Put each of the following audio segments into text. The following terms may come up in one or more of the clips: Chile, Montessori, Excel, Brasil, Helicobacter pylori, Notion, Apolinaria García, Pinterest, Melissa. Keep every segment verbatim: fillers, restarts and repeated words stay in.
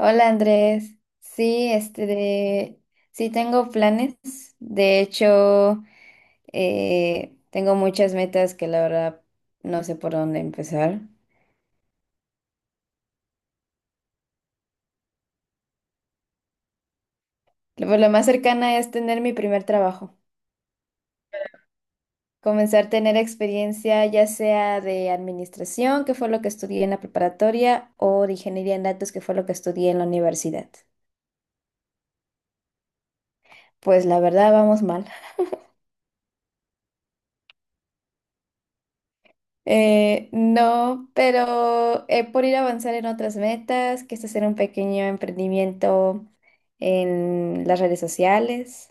Hola Andrés, sí, este de, sí tengo planes, de hecho eh, tengo muchas metas que la verdad no sé por dónde empezar. Lo, pues, lo más cercana es tener mi primer trabajo, comenzar a tener experiencia ya sea de administración, que fue lo que estudié en la preparatoria, o de ingeniería en datos, que fue lo que estudié en la universidad. Pues la verdad vamos mal. Eh, no, pero eh, por ir a avanzar en otras metas, que es hacer un pequeño emprendimiento en las redes sociales.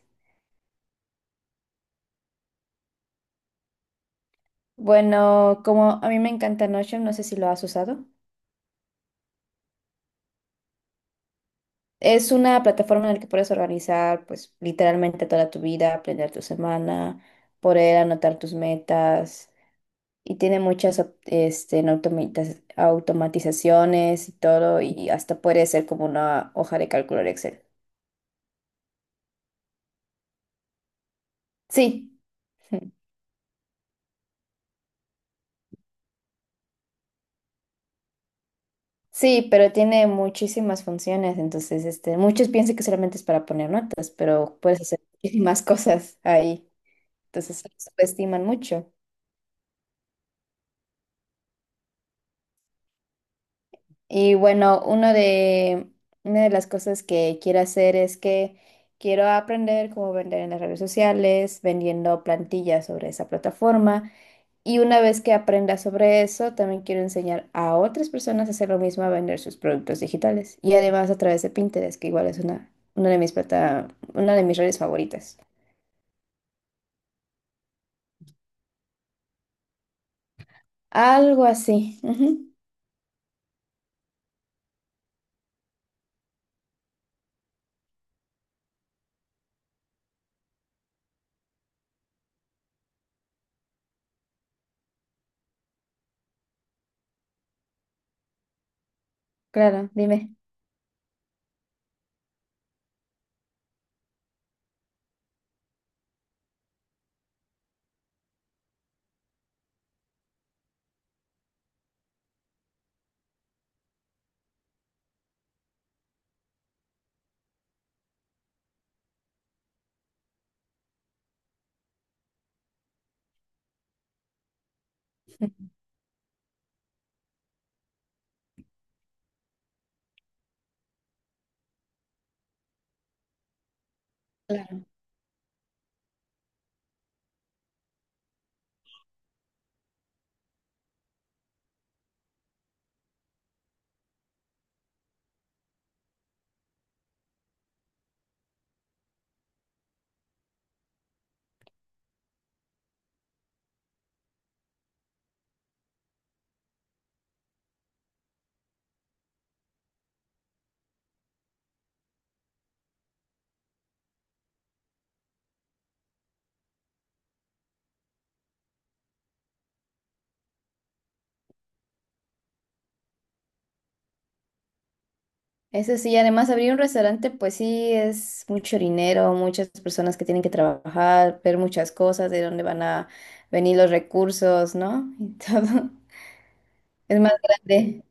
Bueno, como a mí me encanta Notion, no sé si lo has usado. Es una plataforma en la que puedes organizar, pues, literalmente toda tu vida, planear tu semana, poder anotar tus metas y tiene muchas op- este, en automatiz- automatizaciones y todo y hasta puede ser como una hoja de cálculo de Excel. Sí. Sí, pero tiene muchísimas funciones, entonces este, muchos piensan que solamente es para poner notas, pero puedes hacer muchísimas cosas ahí, entonces lo subestiman mucho. Y bueno, uno de, una de las cosas que quiero hacer es que quiero aprender cómo vender en las redes sociales, vendiendo plantillas sobre esa plataforma. Y una vez que aprenda sobre eso, también quiero enseñar a otras personas a hacer lo mismo, a vender sus productos digitales. Y además a través de Pinterest, que igual es una, una de mis plata, una de mis redes favoritas. Algo así. Ujú. Claro, dime. Claro. Eso sí, además abrir un restaurante, pues sí, es mucho dinero, muchas personas que tienen que trabajar, ver muchas cosas, de dónde van a venir los recursos, ¿no? Y todo. Es más grande.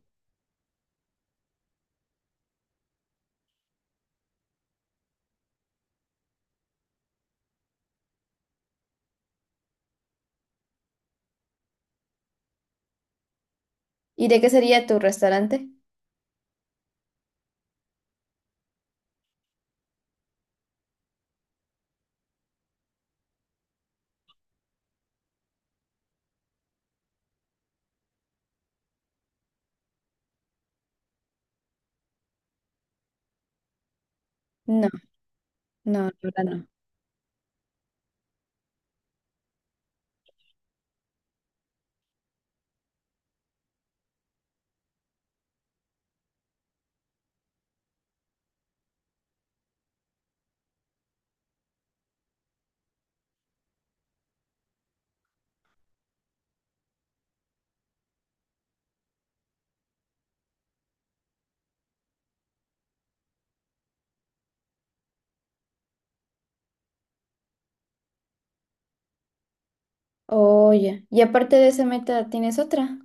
¿Y de qué sería tu restaurante? No, no, la verdad no. Oye, y aparte de esa meta, ¿tienes otra?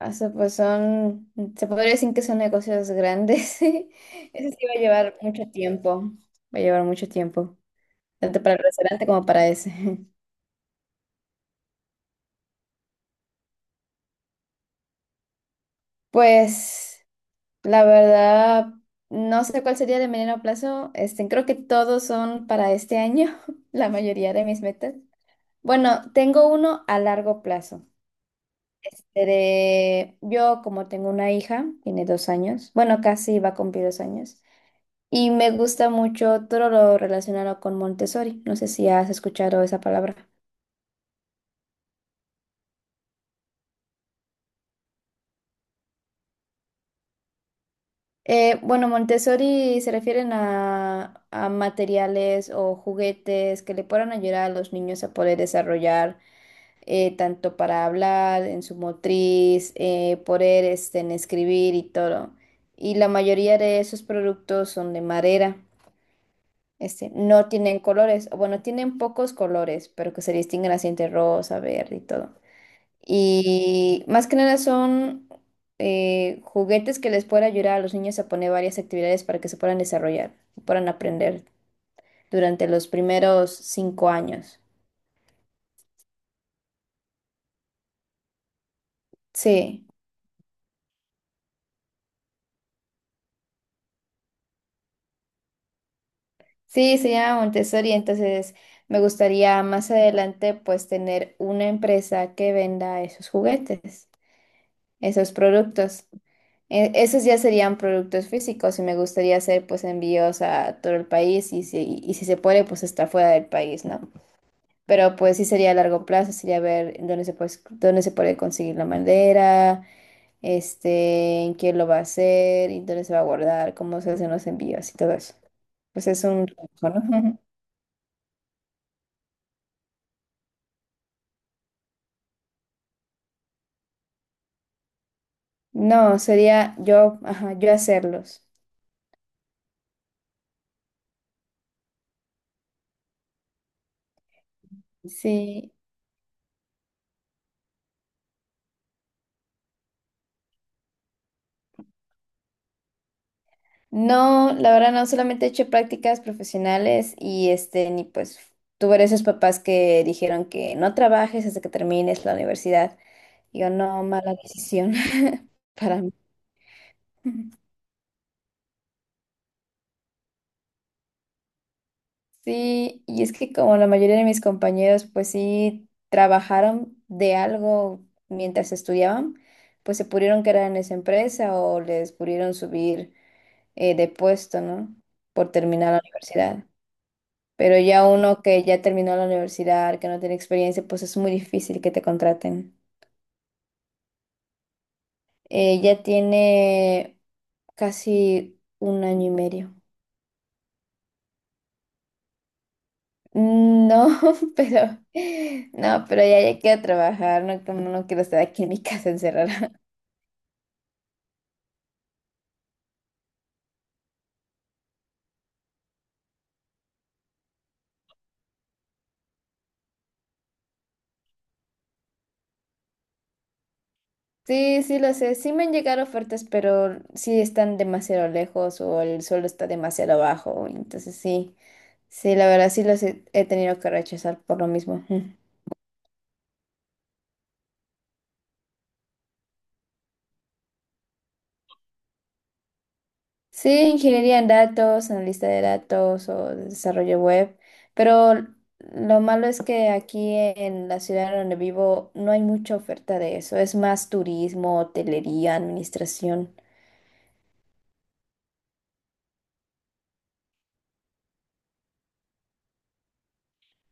O sea, pues son, se podría decir que son negocios grandes. Eso sí va a llevar mucho tiempo. Va a llevar mucho tiempo, tanto para el restaurante como para ese. Pues, la verdad, no sé cuál sería de mediano plazo. Este, creo que todos son para este año, la mayoría de mis metas. Bueno, tengo uno a largo plazo. De Yo, como tengo una hija, tiene dos años, bueno, casi va a cumplir dos años. Y me gusta mucho todo lo relacionado con Montessori. No sé si has escuchado esa palabra. Eh, bueno, Montessori se refieren a, a materiales o juguetes que le puedan ayudar a los niños a poder desarrollar eh, tanto para hablar, en su motriz, eh, poder este, en escribir y todo. Y la mayoría de esos productos son de madera. Este, no tienen colores, o bueno, tienen pocos colores, pero que se distinguen así entre rosa, verde y todo. Y más que nada son eh, juguetes que les pueden ayudar a los niños a poner varias actividades para que se puedan desarrollar, puedan aprender durante los primeros cinco años. Sí, sí, se llama Montessori, entonces me gustaría más adelante pues tener una empresa que venda esos juguetes, esos productos. E- Esos ya serían productos físicos y me gustaría hacer pues envíos a todo el país y si, y si se puede pues hasta fuera del país, ¿no? Pero pues sí sería a largo plazo, sería ver en dónde se puede, dónde se puede conseguir la madera, este, en quién lo va a hacer, y dónde se va a guardar, cómo se hacen los envíos y todo eso. Pues es un trabajo, ¿no? No, sería yo, ajá, yo hacerlos. Sí. No, la verdad no, solamente he hecho prácticas profesionales y este, ni pues tuve esos papás que dijeron que no trabajes hasta que termines la universidad. Y yo no, mala decisión para mí. Sí, y es que como la mayoría de mis compañeros, pues sí, trabajaron de algo mientras estudiaban, pues se pudieron quedar en esa empresa o les pudieron subir eh, de puesto, ¿no? Por terminar la universidad. Pero ya uno que ya terminó la universidad, que no tiene experiencia, pues es muy difícil que te contraten. Eh, ya tiene casi un año y medio. No, pero no, pero ya ya quiero trabajar, no, como no quiero estar aquí en mi casa encerrada. Sí, sí lo sé, sí me han llegado ofertas, pero sí están demasiado lejos o el suelo está demasiado bajo, entonces sí, sí, la verdad sí los he, he tenido que rechazar por lo mismo. Sí, ingeniería en datos, analista de datos o desarrollo web, pero lo malo es que aquí en la ciudad donde vivo no hay mucha oferta de eso, es más turismo, hotelería, administración.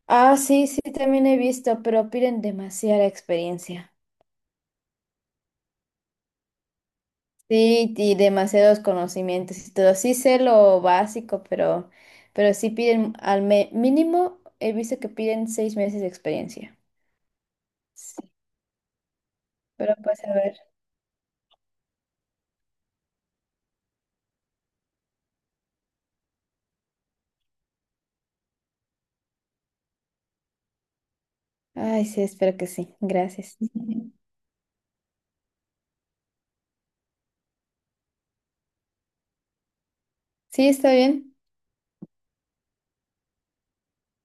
Ah, sí, sí, también he visto, pero piden demasiada experiencia. Sí, y demasiados conocimientos y todo. Sí sé lo básico, pero, pero sí piden al me- mínimo, he visto que piden seis meses de experiencia. Sí. Pero pues a ver. Ay, sí, espero que sí. Gracias. Sí, está bien.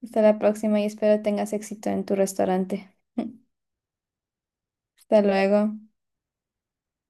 Hasta la próxima y espero tengas éxito en tu restaurante. Hasta luego.